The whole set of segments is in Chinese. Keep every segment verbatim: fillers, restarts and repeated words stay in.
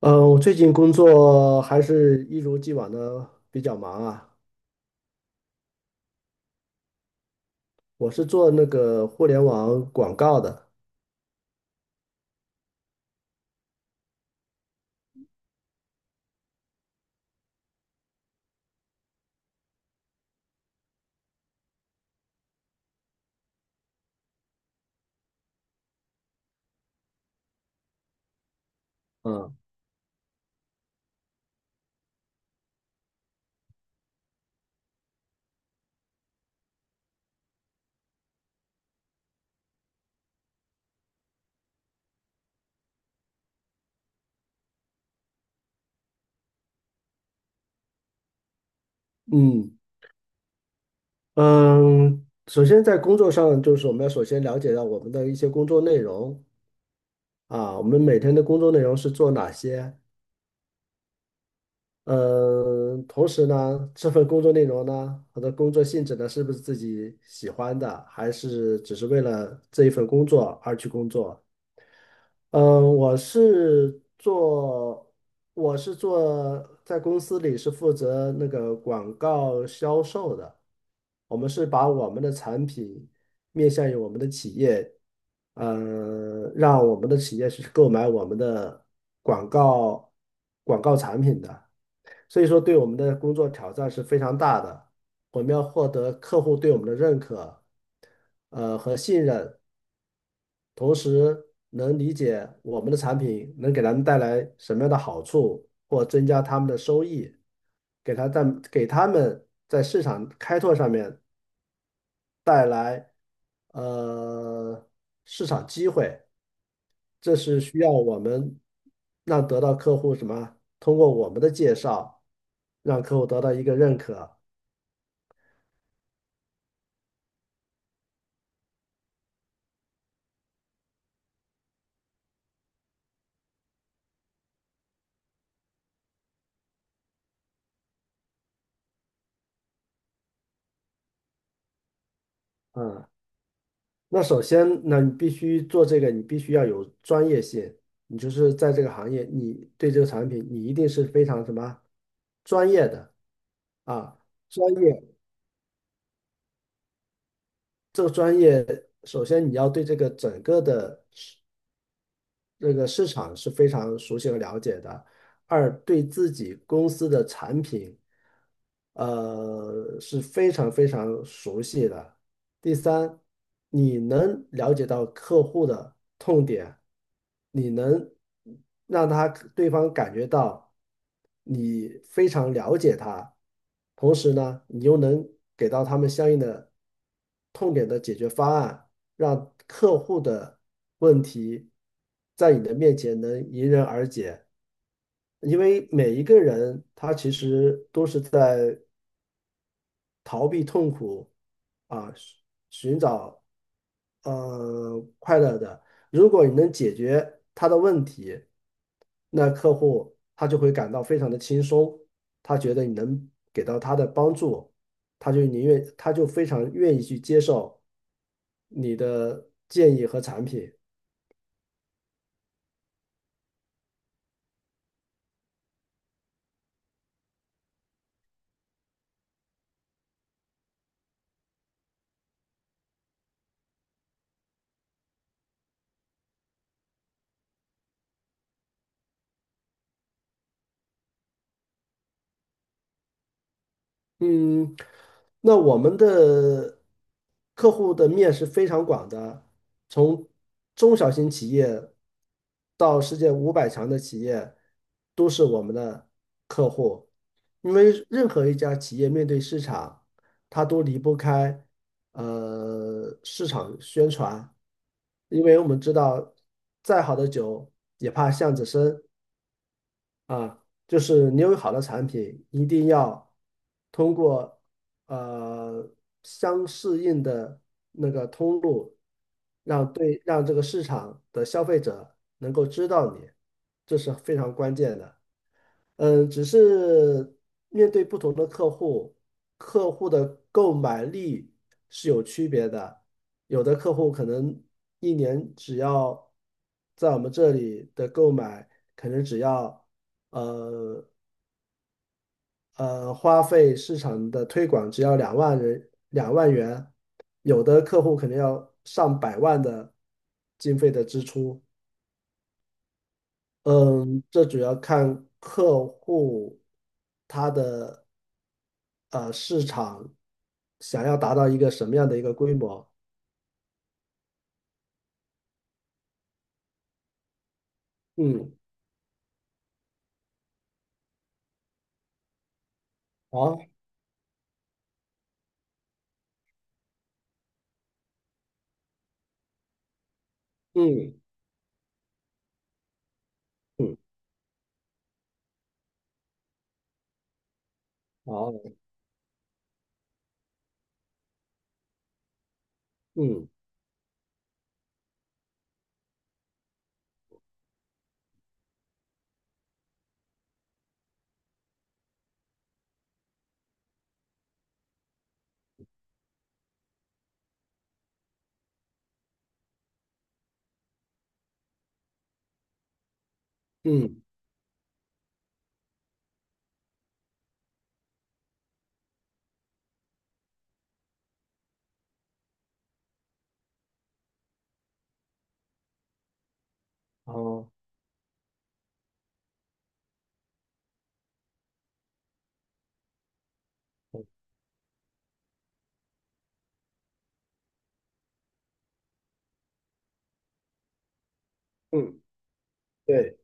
嗯，呃我最近工作还是一如既往的比较忙啊。我是做那个互联网广告的，嗯嗯嗯。首先在工作上，就是我们要首先了解到我们的一些工作内容啊，我们每天的工作内容是做哪些？嗯，同时呢，这份工作内容呢，它的工作性质呢，是不是自己喜欢的，还是只是为了这一份工作而去工作？嗯，我是做，我是做在公司里是负责那个广告销售的。我们是把我们的产品面向于我们的企业，呃，让我们的企业去购买我们的广告广告产品的。所以说，对我们的工作挑战是非常大的。我们要获得客户对我们的认可，呃和信任。同时能理解我们的产品能给他们带来什么样的好处，或增加他们的收益，给他在给他们在市场开拓上面带来呃市场机会，这是需要我们让得到客户什么，通过我们的介绍，让客户得到一个认可。嗯。那首先，那你必须做这个，你必须要有专业性。你就是在这个行业，你对这个产品，你一定是非常什么专业的啊？专业，这个专业，首先你要对这个整个的市这个市场是非常熟悉和了解的。二，对自己公司的产品，呃，是非常非常熟悉的。第三，你能了解到客户的痛点，你能让他对方感觉到你非常了解他，同时呢，你又能给到他们相应的痛点的解决方案，让客户的问题在你的面前能迎刃而解。因为每一个人他其实都是在逃避痛苦啊，寻寻找呃快乐的。如果你能解决他的问题，那客户他就会感到非常的轻松，他觉得你能给到他的帮助，他就宁愿他就非常愿意去接受你的建议和产品。嗯，那我们的客户的面是非常广的，从中小型企业到世界五百强的企业，都是我们的客户。因为任何一家企业面对市场，它都离不开呃市场宣传。因为我们知道，再好的酒也怕巷子深，啊，就是你有好的产品，一定要通过呃相适应的那个通路，让对让这个市场的消费者能够知道你，这是非常关键的。嗯，只是面对不同的客户，客户的购买力是有区别的。有的客户可能一年只要在我们这里的购买，可能只要呃呃花费市场的推广只要两万人两万元，有的客户可能要上百万的经费的支出。嗯，这主要看客户他的呃市场想要达到一个什么样的一个规模。嗯，好，嗯嗯，好，嗯嗯，好，嗯，嗯对，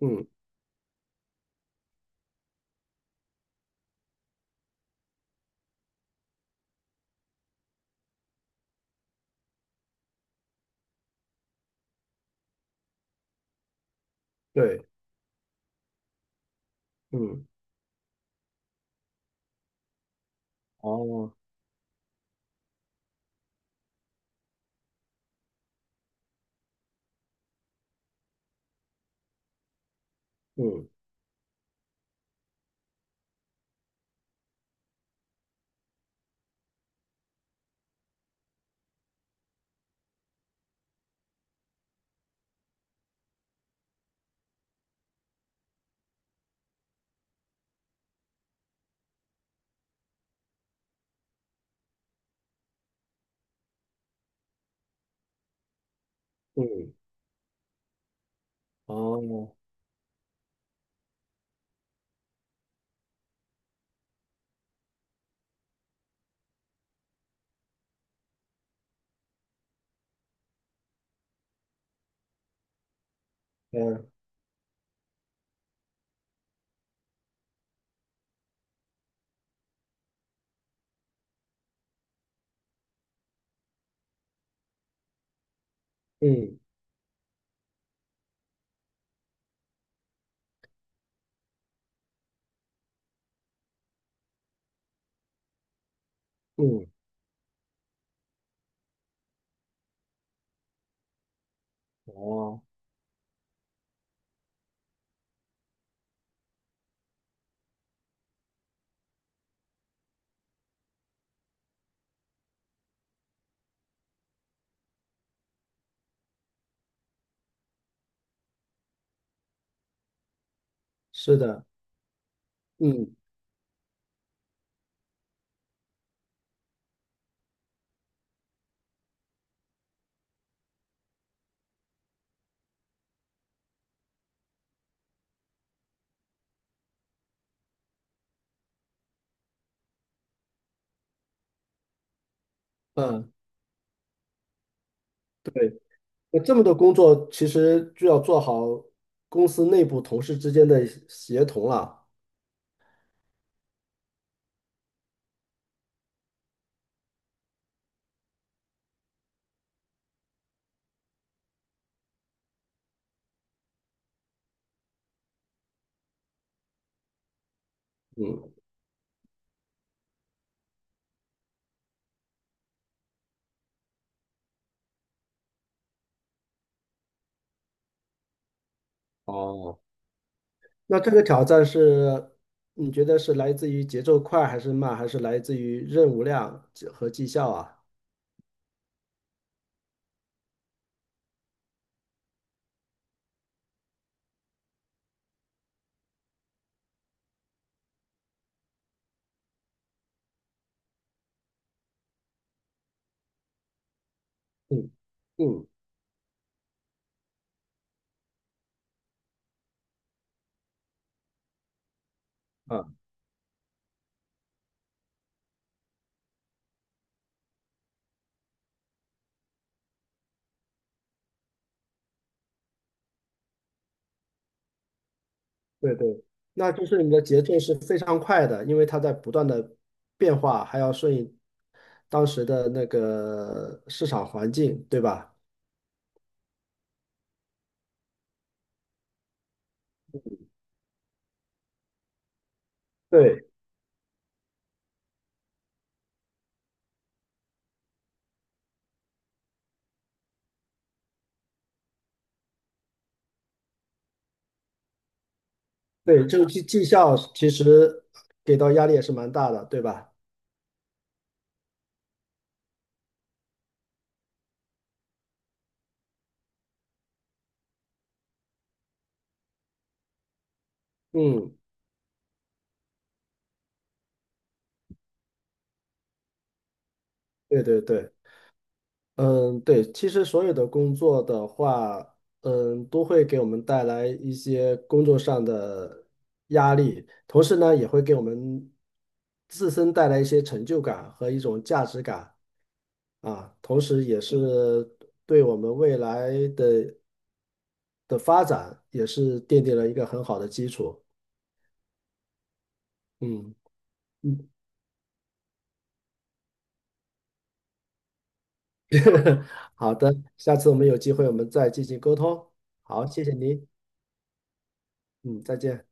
嗯对，嗯，哦，嗯嗯，哦，嗯嗯嗯，哦，是的，嗯嗯，对。那这么多工作，其实就要做好公司内部同事之间的协同了。嗯，哦，那这个挑战是，你觉得是来自于节奏快还是慢，还是来自于任务量和绩效啊？嗯嗯啊，对对，那就是你的节奏是非常快的，因为它在不断的变化，还要顺应当时的那个市场环境，对吧？对对，这个绩绩效其实给到压力也是蛮大的，对吧？嗯，对对对，嗯，对，其实所有的工作的话，嗯，都会给我们带来一些工作上的压力，同时呢，也会给我们自身带来一些成就感和一种价值感啊，同时也是对我们未来的的发展也是奠定了一个很好的基础。嗯。嗯。好的，下次我们有机会我们再进行沟通。好，谢谢您，嗯，再见。